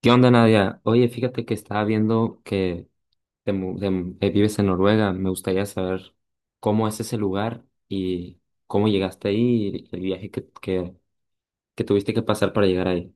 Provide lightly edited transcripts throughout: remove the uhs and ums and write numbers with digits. ¿Qué onda, Nadia? Oye, fíjate que estaba viendo que vives en Noruega. Me gustaría saber cómo es ese lugar y cómo llegaste ahí y el viaje que tuviste que pasar para llegar ahí.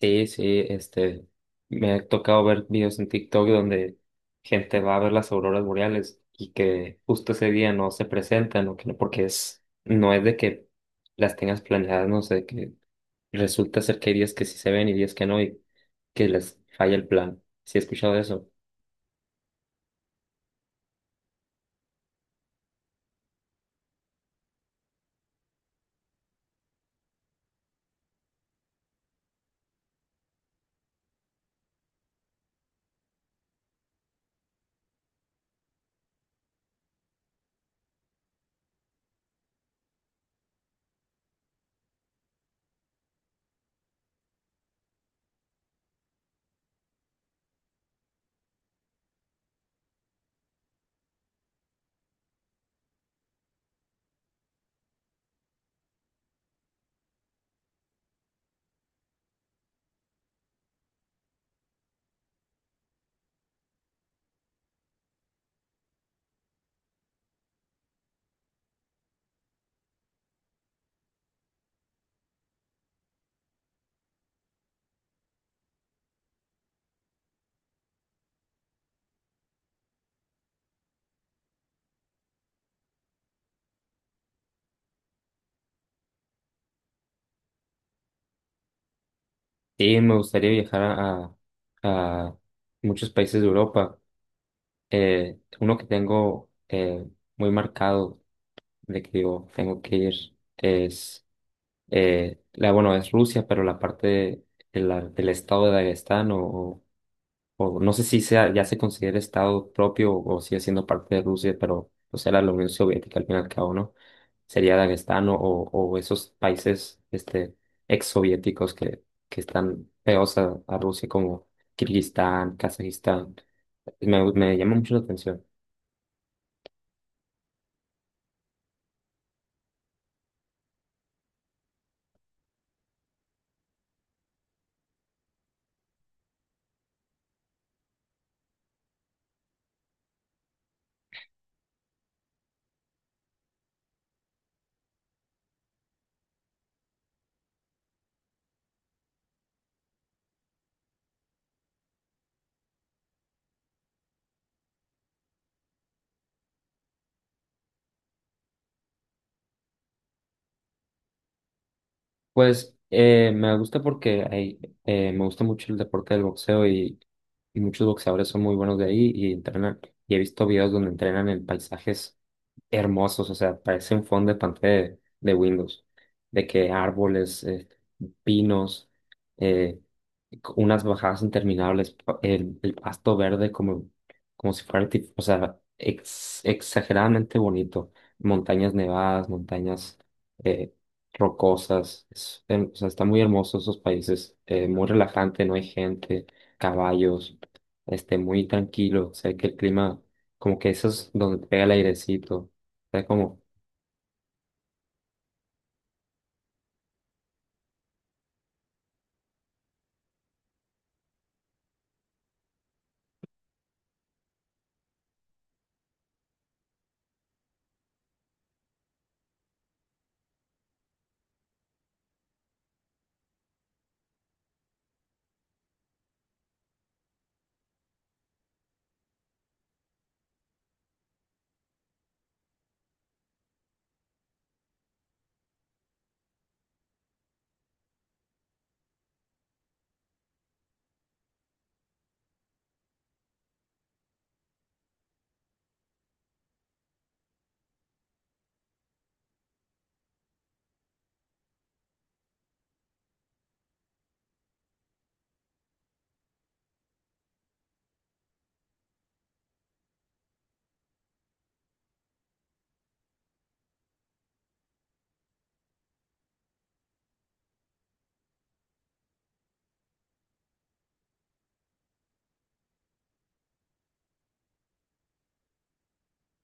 Sí, sí, me ha tocado ver videos en TikTok donde gente va a ver las auroras boreales y que justo ese día no se presentan o que no, porque es, no es de que las tengas planeadas, no sé, que resulta ser que hay días que sí se ven y días que no, que les falla el plan. Sí, he escuchado eso. Y me gustaría viajar a- muchos países de Europa. Uno que tengo muy marcado de que digo, tengo que ir es, bueno, es Rusia, pero la parte de la- del estado de Dagestán o no sé si sea, ya se considera Estado propio o sigue siendo parte de Rusia, pero pues era la Unión Soviética al fin y al cabo, ¿no? Sería Dagestán o esos países exsoviéticos que están pegados a Rusia como Kirguistán, Kazajistán. Me llama mucho la atención. Pues me gusta porque me gusta mucho el deporte del boxeo y muchos boxeadores son muy buenos de ahí y entrenan. Y he visto videos donde entrenan en paisajes hermosos, o sea, parece un fondo de pantalla de Windows, de que árboles, pinos, eh, unas bajadas interminables, el pasto verde como, como si fuera, o sea, exageradamente bonito, montañas nevadas, montañas eh, rocosas, o sea, está muy hermoso esos países, muy relajante, no hay gente, caballos, muy tranquilo, o sea, que el clima, como que eso es donde pega el airecito, o sea, como.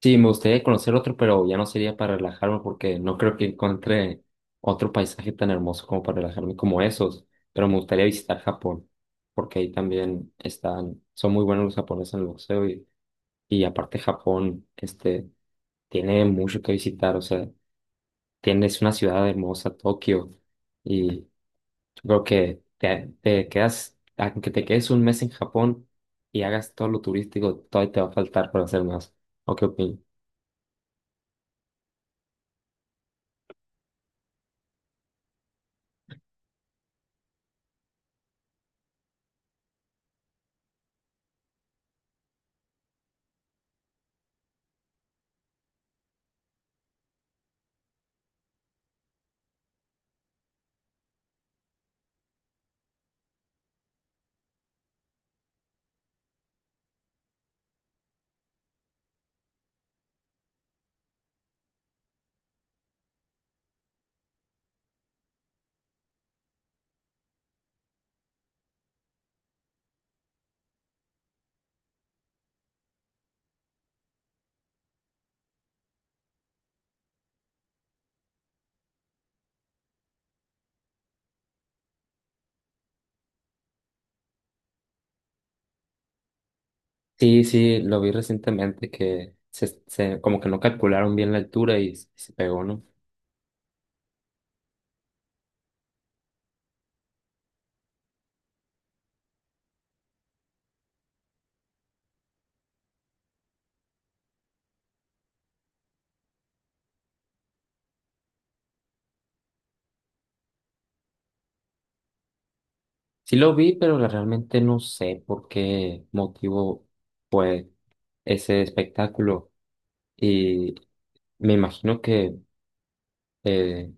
Sí, me gustaría conocer otro, pero ya no sería para relajarme porque no creo que encuentre otro paisaje tan hermoso como para relajarme como esos. Pero me gustaría visitar Japón, porque ahí también están, son muy buenos los japoneses en el boxeo y aparte Japón, tiene mucho que visitar. O sea, tienes una ciudad hermosa, Tokio, y yo creo que te quedas, aunque te quedes un mes en Japón y hagas todo lo turístico, todavía te va a faltar para hacer más. ¿O qué opinas? Sí, sí, lo vi recientemente que como que no calcularon bien la altura y se pegó, ¿no? Sí lo vi, pero realmente no sé por qué motivo fue ese espectáculo. Y me imagino que eh,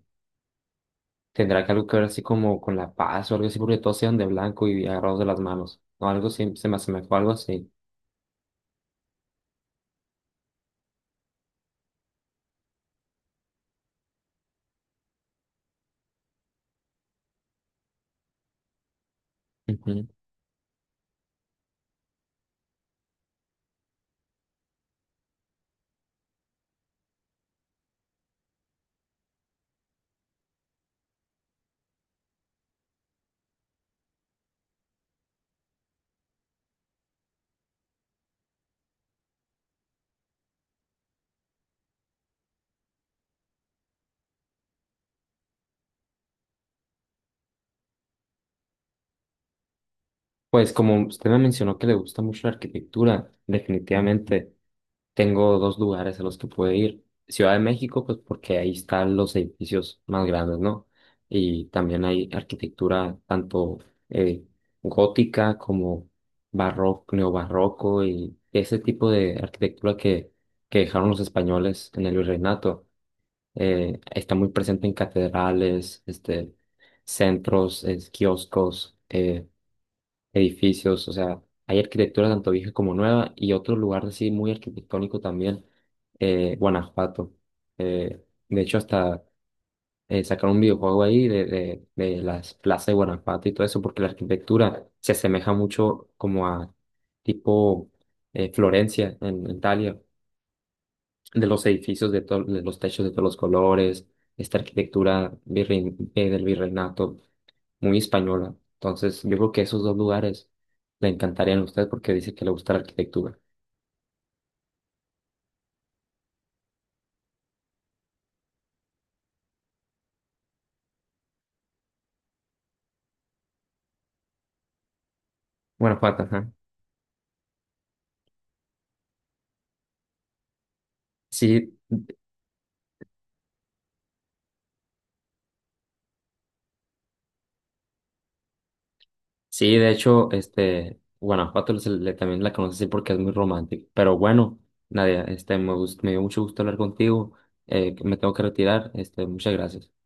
tendrá que algo que ver así como con la paz o algo así, porque todos eran de blanco y agarrados de las manos. O algo así, se me asemejó a algo así. Ujú. Pues como usted me mencionó que le gusta mucho la arquitectura, definitivamente. Tengo dos lugares a los que puedo ir. Ciudad de México, pues porque ahí están los edificios más grandes, ¿no? Y también hay arquitectura tanto eh, gótica como barroco, neobarroco y ese tipo de arquitectura que dejaron los españoles en el virreinato. Está muy presente en catedrales, centros, kioscos. Edificios, o sea, hay arquitectura tanto vieja como nueva y otro lugar así muy arquitectónico también, Guanajuato. De hecho, hasta sacaron un videojuego ahí de las plazas de Guanajuato y todo eso, porque la arquitectura se asemeja mucho como a tipo Florencia en Italia de los edificios, de los techos de todos los colores, esta arquitectura del virreinato, muy española. Entonces, yo creo que esos dos lugares le encantarían a usted porque dice que le gusta la arquitectura. Guanajuato, ajá. Sí, sí, de hecho, Guanajuato también la conoce así porque es muy romántico. Pero bueno, Nadia, me dio mucho gusto hablar contigo. Me tengo que retirar. Este, muchas gracias.